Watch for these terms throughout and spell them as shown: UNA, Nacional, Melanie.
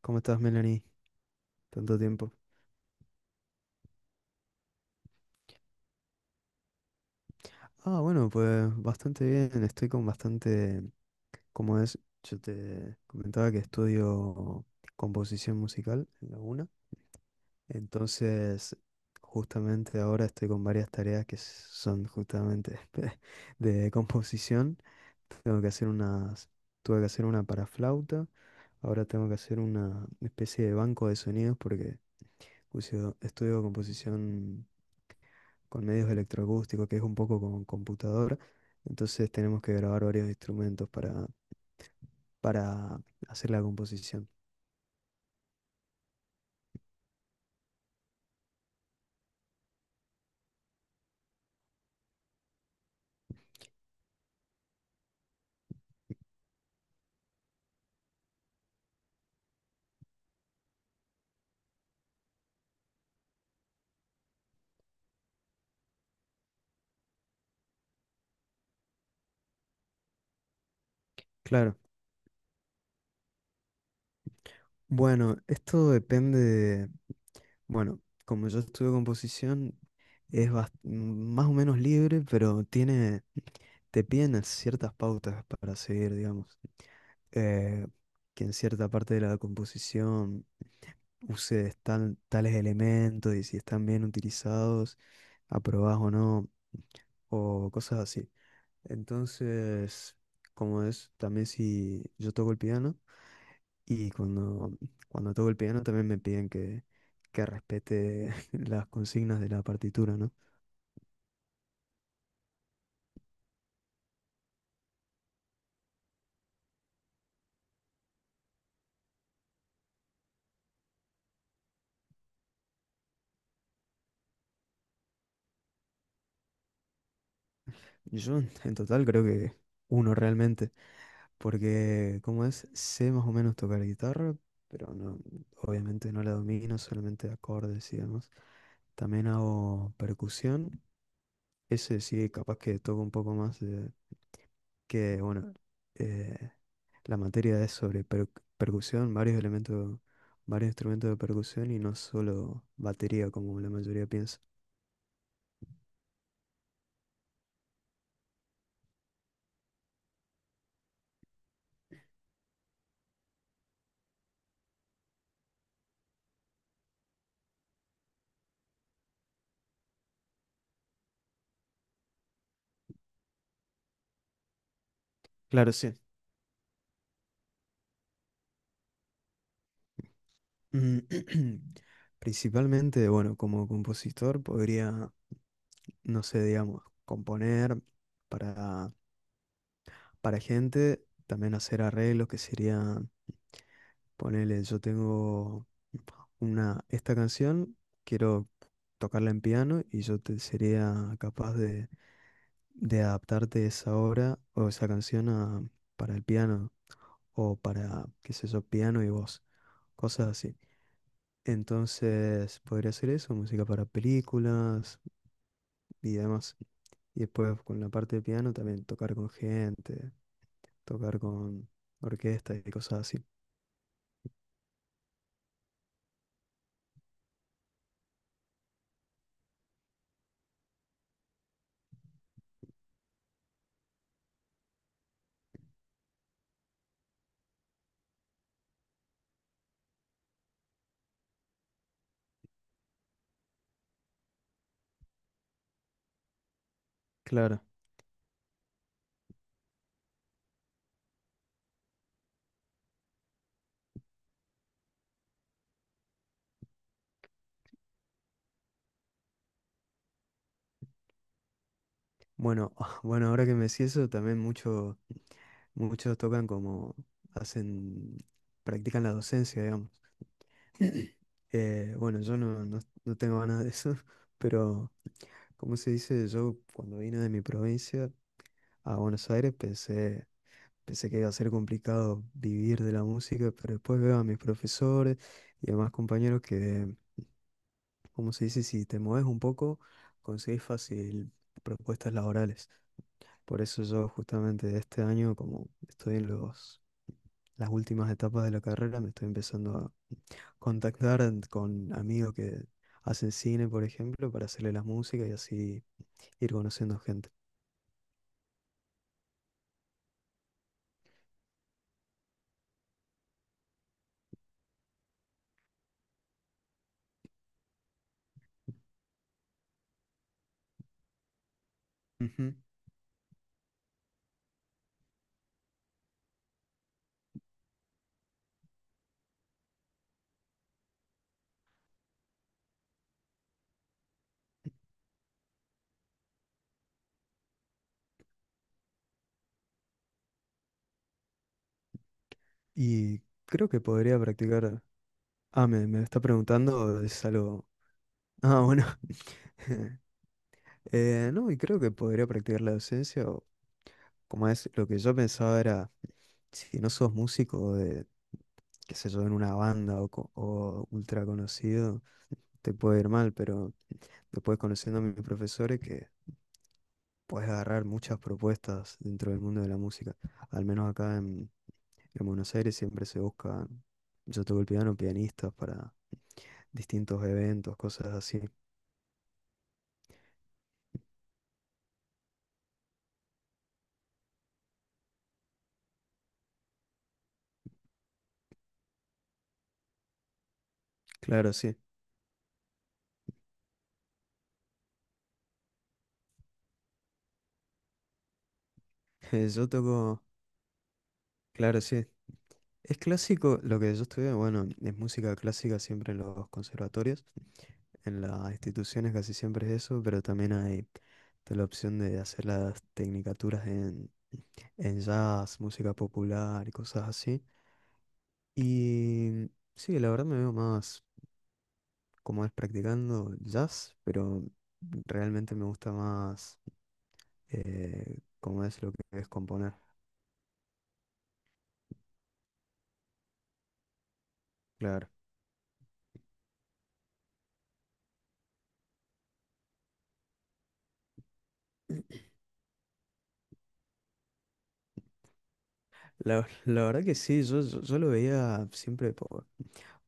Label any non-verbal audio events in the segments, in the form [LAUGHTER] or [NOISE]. ¿Cómo estás, Melanie? Tanto tiempo. Bueno, pues bastante bien. Estoy con bastante, como es, yo te comentaba que estudio composición musical en la UNA. Entonces, justamente ahora estoy con varias tareas que son justamente [LAUGHS] de composición. Tengo que hacer unas, Tuve que hacer una para flauta. Ahora tengo que hacer una especie de banco de sonidos porque estudio composición con medios electroacústicos, que es un poco con computadora. Entonces tenemos que grabar varios instrumentos para hacer la composición. Claro. Bueno, esto depende de... Bueno, como yo estudio composición, es más o menos libre, pero te piden ciertas pautas para seguir, digamos. Eh, que en cierta parte de la composición uses tales elementos y si están bien utilizados, aprobás o no, o cosas así. Entonces, como es, también si yo toco el piano y cuando toco el piano también me piden que respete [LAUGHS] las consignas de la partitura, ¿no? Yo [LAUGHS] en total creo que uno realmente, porque como es, sé más o menos tocar guitarra, pero obviamente no la domino, solamente acordes y demás. También hago percusión, ese sí, capaz que toco un poco más de que, bueno, eh, la materia es sobre percusión, varios elementos, varios instrumentos de percusión y no solo batería como la mayoría piensa. Claro, sí. Mm. [CLEARS THROAT] Principalmente, bueno, como compositor podría, no sé, digamos, componer para, para gente, también hacer arreglos que serían, ponele, yo tengo esta canción, quiero tocarla en piano y yo te sería capaz de adaptarte esa obra o esa canción para el piano o para, qué sé yo, piano y voz, cosas así. Entonces podría hacer eso, música para películas y demás. Y después con la parte de piano también tocar con gente, tocar con orquesta y cosas así. Claro. Bueno, [LAUGHS] bueno, ahora que me decís eso, muchos tocan como hacen, practican la docencia, digamos. [CLEARS THROAT] Bueno, yo no, no, no tengo ganas de eso, [LAUGHS] pero ¿cómo se dice? Yo cuando vine de mi provincia a Buenos Aires pensé que iba a ser complicado vivir de la música, pero después veo a mis profesores y demás compañeros que, ¿cómo se dice? Si te mueves un poco, conseguís fácil propuestas laborales. Por eso yo justamente este año, como estoy en las últimas etapas de la carrera, me estoy empezando a contactar con amigos que hacen cine, por ejemplo, para hacerle las músicas y así ir conociendo gente. Y creo que podría practicar. Me está preguntando, es algo. Ah, bueno. [LAUGHS] No, y creo que podría practicar la docencia. O como es, lo que yo pensaba era, si no sos músico de, qué sé yo, en una banda o, o ultra conocido, te puede ir mal, pero después conociendo a mis profesores que puedes agarrar muchas propuestas dentro del mundo de la música. Al menos en Buenos Aires siempre se buscan, yo toco el piano, pianistas para distintos eventos, cosas así. Claro, sí. [LAUGHS] Yo toco, claro, sí. Es clásico, lo que yo estudié, bueno, es música clásica siempre en los conservatorios, en las instituciones casi siempre es eso, pero también hay está la opción de hacer las tecnicaturas en jazz, música popular y cosas así. Y sí, la verdad me veo más como es practicando jazz, pero realmente me gusta más como es lo que es componer. Claro. [CLEARS THROAT] La verdad que sí, yo lo veía siempre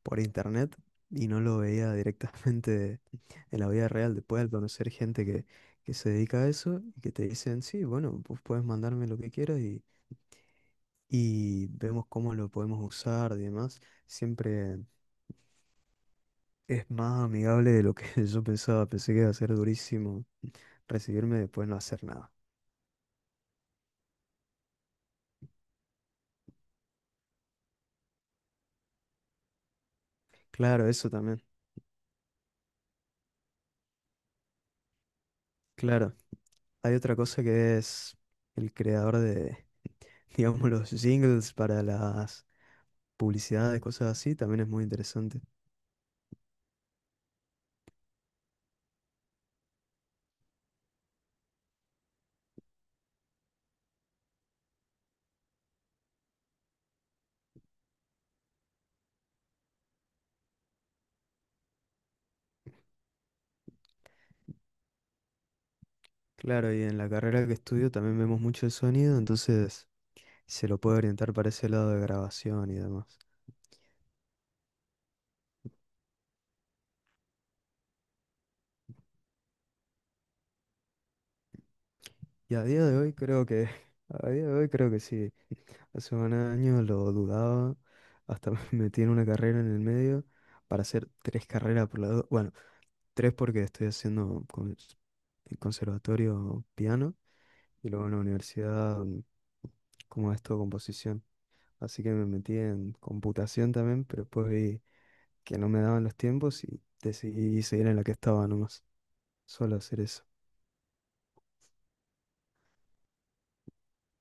por internet y no lo veía [LAUGHS] directamente en la vida real. Después al conocer gente que se dedica a eso y que te dicen, sí, bueno, pues puedes mandarme lo que quieras y vemos cómo lo podemos usar y demás, siempre es más amigable de lo que [LAUGHS] yo pensaba. Pensé que iba a ser durísimo recibirme y después no hacer nada. Claro, eso también. Claro, hay otra cosa que es el creador de, [LAUGHS] digamos, los jingles para las publicidades, cosas así, también es muy interesante. Claro, y en la carrera que estudio también vemos mucho el sonido, entonces se lo puede orientar para ese lado de grabación y demás. Y a día de hoy [LAUGHS] a día de hoy creo que sí. Hace un año lo dudaba, hasta [LAUGHS] me metí en una carrera en el medio para hacer tres carreras por lado. Bueno, tres porque estoy haciendo en conservatorio piano y luego en la universidad como esto composición. Así que me metí en computación también, pero después vi que no me daban los tiempos y decidí seguir en la que estaba nomás. Solo hacer eso.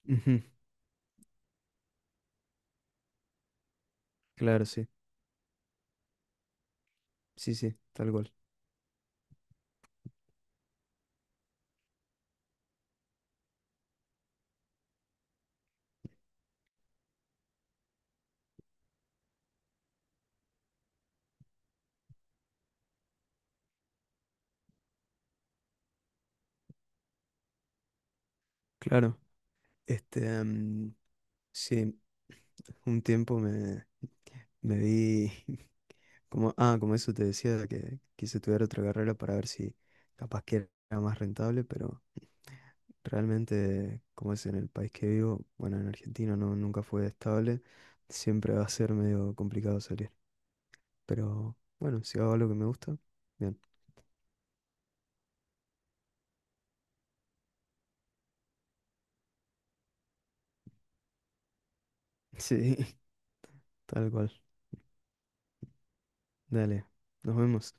Ujú. Claro, sí. Sí, sí, tal cual. Claro, este, sí, un tiempo me, me vi, [LAUGHS] como, ah, como eso te decía, que quise estudiar otra carrera para ver si capaz que era más rentable, pero realmente, como es en el país que vivo, bueno, en Argentina nunca fue estable, siempre va a ser medio complicado salir. Pero bueno, si hago lo que me gusta, bien. [LAUGHS] Sí, tal cual. Dale, nos vemos.